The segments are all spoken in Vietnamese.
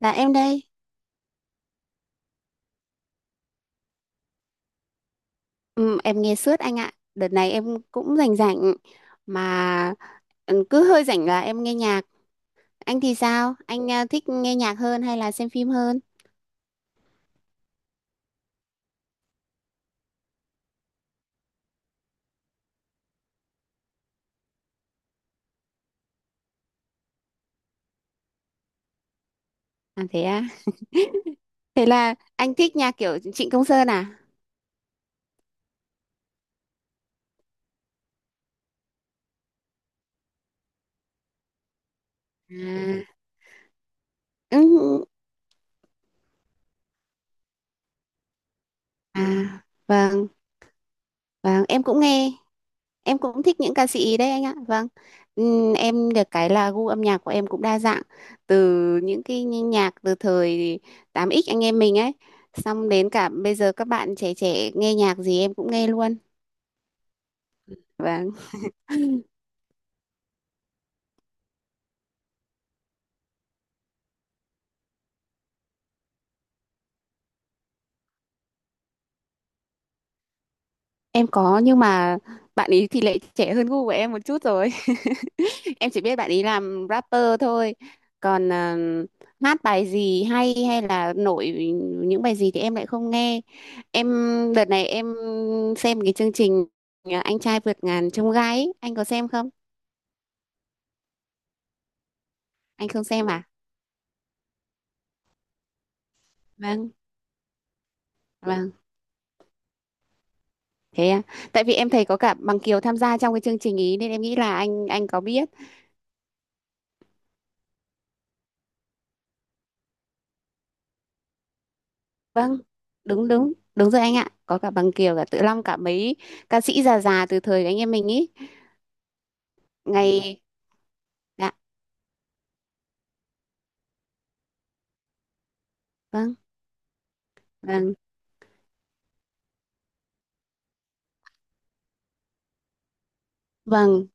Dạ em đây, ừ, em nghe suốt anh ạ. Đợt này em cũng rảnh rảnh mà cứ hơi rảnh là em nghe nhạc. Anh thì sao? Anh thích nghe nhạc hơn hay là xem phim hơn? À thế à? Thế là anh thích nhạc kiểu Trịnh Công Sơn à? À, ừ, à vâng, vâng em cũng nghe. Em cũng thích những ca sĩ ý đấy anh ạ. Vâng. Em được cái là gu âm nhạc của em cũng đa dạng từ những cái nhạc từ thời tám x anh em mình ấy, xong đến cả bây giờ các bạn trẻ trẻ nghe nhạc gì em cũng nghe luôn. Vâng. Em có, nhưng mà bạn ấy thì lại trẻ hơn gu của em một chút rồi. Em chỉ biết bạn ấy làm rapper thôi. Còn hát bài gì hay hay là nổi những bài gì thì em lại không nghe. Em đợt này em xem cái chương trình Anh trai vượt ngàn chông gai ấy. Anh có xem không? Anh không xem à? Vâng, vâng. Thế à? Tại vì em thấy có cả Bằng Kiều tham gia trong cái chương trình ý nên em nghĩ là anh có biết. Vâng, đúng đúng, đúng rồi anh ạ. Có cả Bằng Kiều, cả Tự Long, cả mấy ca sĩ già già từ thời anh em mình ý. Ngày, dạ, vâng, vâng, vâng,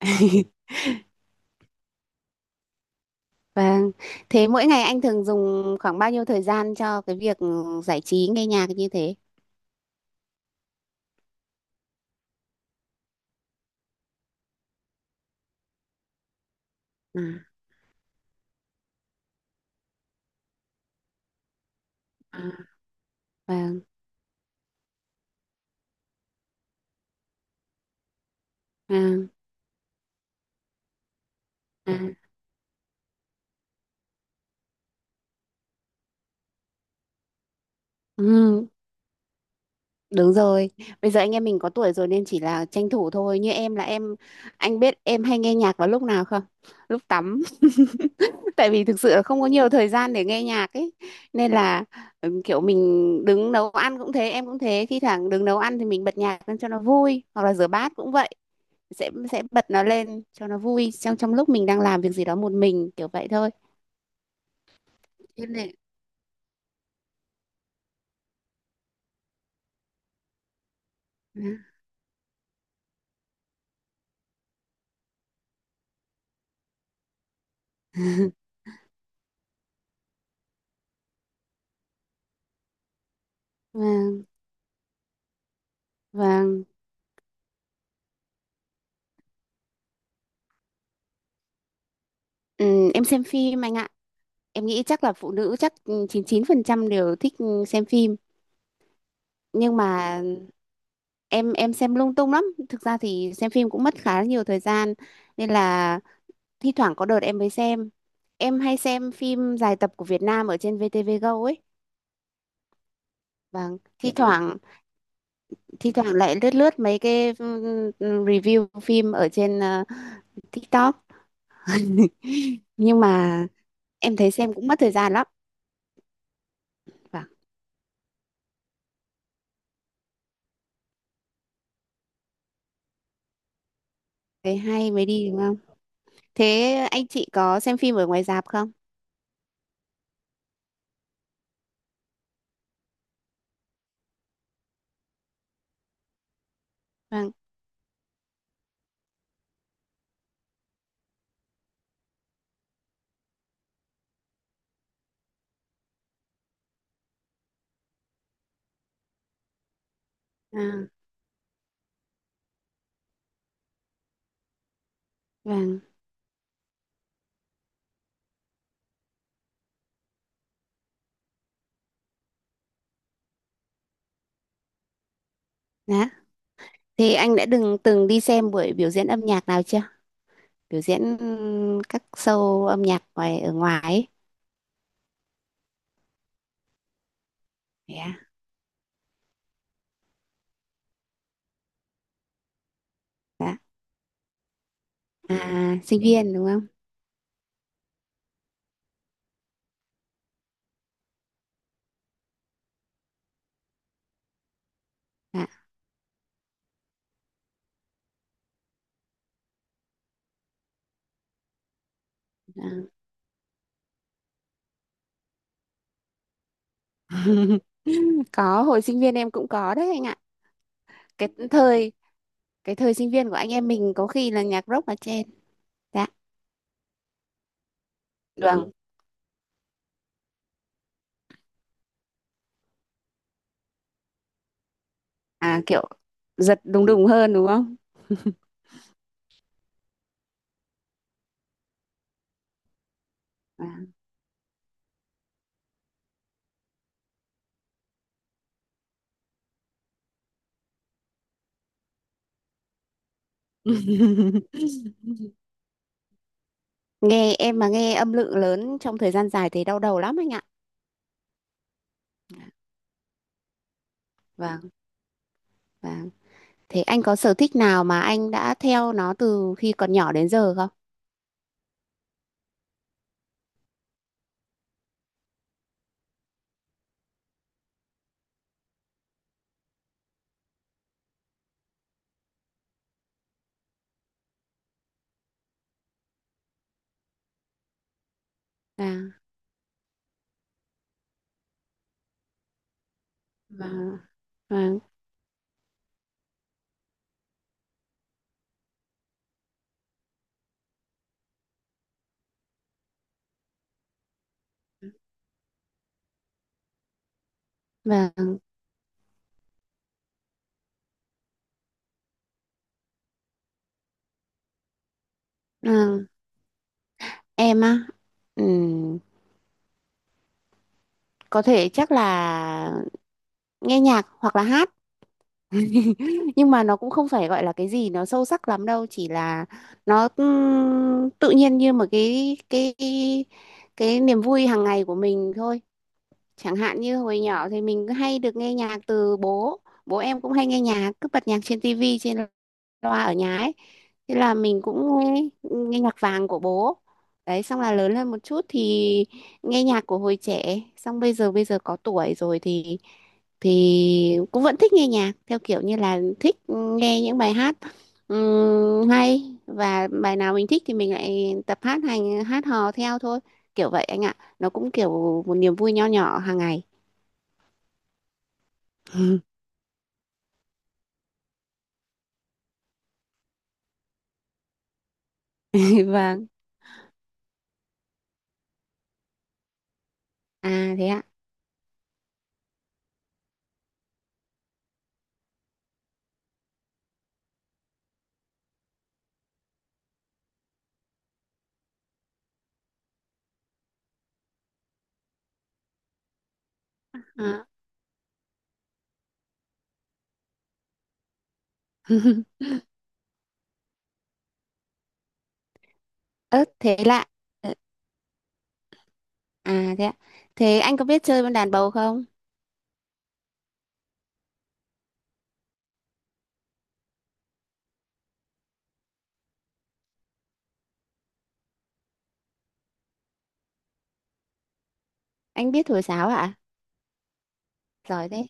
vâng. Thế mỗi ngày anh thường dùng khoảng bao nhiêu thời gian cho cái việc giải trí nghe nhạc như thế? À, à, vâng, à, à. Ừ, đúng rồi. Bây giờ anh em mình có tuổi rồi nên chỉ là tranh thủ thôi. Như em là em, anh biết em hay nghe nhạc vào lúc nào không? Lúc tắm. Tại vì thực sự là không có nhiều thời gian để nghe nhạc ấy, nên là kiểu mình đứng nấu ăn cũng thế, em cũng thế, khi thẳng đứng nấu ăn thì mình bật nhạc lên cho nó vui, hoặc là rửa bát cũng vậy, sẽ bật nó lên cho nó vui trong trong lúc mình đang làm việc gì đó một mình, kiểu vậy thôi. Em này. Vâng, vâng. Em xem phim anh ạ. Em nghĩ chắc là phụ nữ chắc 99% đều thích xem phim, nhưng mà em xem lung tung lắm. Thực ra thì xem phim cũng mất khá là nhiều thời gian nên là thi thoảng có đợt em mới xem. Em hay xem phim dài tập của Việt Nam ở trên VTV Go ấy. Vâng, thi, Dạ, thoảng, thi thoảng lại lướt lướt mấy cái review phim ở trên TikTok. Nhưng mà em thấy xem cũng mất thời gian lắm. Vâng, thế hay mới đi đúng không. Thế anh chị có xem phim ở ngoài rạp không? Vâng, à, vâng, dạ. Thì anh đã từng từng đi xem buổi biểu diễn âm nhạc nào chưa? Biểu diễn các show âm nhạc ngoài, ở ngoài ấy. Yeah. Dạ. À, sinh viên đúng không? Dạ. À, có, hồi sinh viên em cũng có đấy anh ạ. Cái thời cái thời sinh viên của anh em mình có khi là nhạc rock ở trên. Dạ. Vâng. À kiểu giật đùng đùng hơn đúng không? À. Nghe em mà nghe âm lượng lớn trong thời gian dài thì đau đầu lắm anh ạ. Vâng, vâng. Thế anh có sở thích nào mà anh đã theo nó từ khi còn nhỏ đến giờ không? Và và Vâng. Và ờ, em á, ừm, có thể chắc là nghe nhạc hoặc là hát, nhưng mà nó cũng không phải gọi là cái gì nó sâu sắc lắm đâu, chỉ là nó tự nhiên như một cái cái niềm vui hàng ngày của mình thôi. Chẳng hạn như hồi nhỏ thì mình cứ hay được nghe nhạc từ bố, bố em cũng hay nghe nhạc, cứ bật nhạc trên tivi, trên loa ở nhà ấy, thế là mình cũng nghe, nhạc vàng của bố. Đấy, xong là lớn lên một chút thì nghe nhạc của hồi trẻ, xong bây giờ có tuổi rồi thì cũng vẫn thích nghe nhạc theo kiểu như là thích nghe những bài hát hay, và bài nào mình thích thì mình lại tập hát, hành hát hò theo thôi, kiểu vậy anh ạ. Nó cũng kiểu một niềm vui nho nhỏ hàng ngày. Vâng, à thế ạ. À. Ớt thế lạ. À thế ạ. Thế anh có biết chơi con đàn bầu không? Anh biết thổi sáo ạ? Giỏi thế.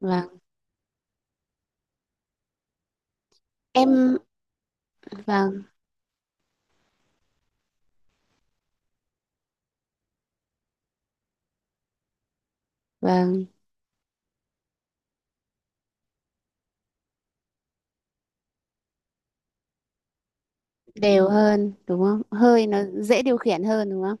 Vâng. Em vâng, vâng, đều hơn đúng không? Hơi nó dễ điều khiển hơn đúng không?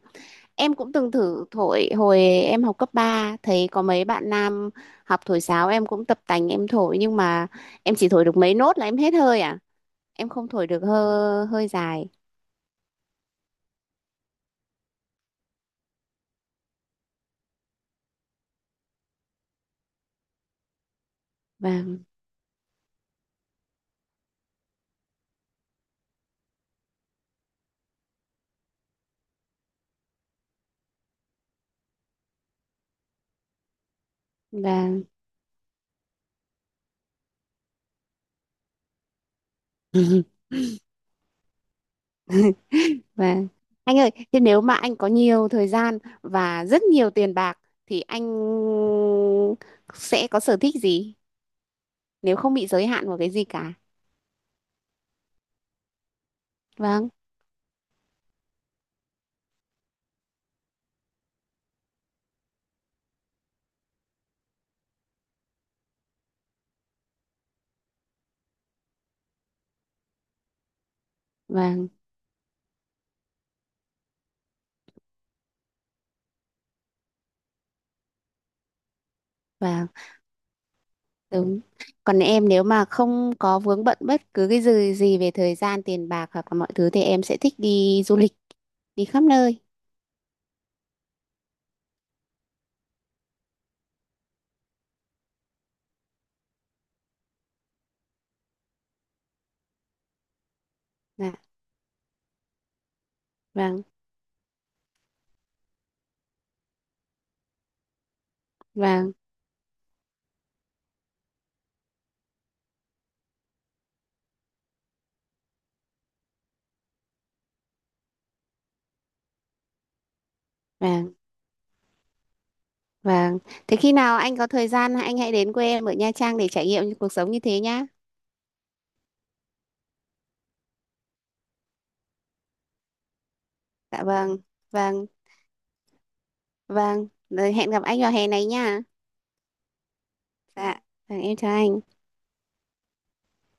Em cũng từng thử thổi hồi em học cấp ba, thấy có mấy bạn nam học thổi sáo em cũng tập tành em thổi, nhưng mà em chỉ thổi được mấy nốt là em hết hơi à. Em không thổi được hơi hơi dài. Vâng, vâng. Vâng. Anh ơi, thế nếu mà anh có nhiều thời gian và rất nhiều tiền bạc thì anh sẽ có sở thích gì nếu không bị giới hạn vào cái gì cả? Vâng, vâng, vâng, đúng. Còn em, nếu mà không có vướng bận bất cứ cái gì gì về thời gian, tiền bạc hoặc là mọi thứ thì em sẽ thích đi du lịch, đi khắp nơi. Dạ, vâng, vâng, vâng, vâng. Thế khi nào anh có thời gian anh hãy đến quê em ở Nha Trang để trải nghiệm cuộc sống như thế nhá. Dạ vâng, vâng. Vâng, rồi hẹn gặp anh vào hè này nha. Dạ, vâng, em chào anh.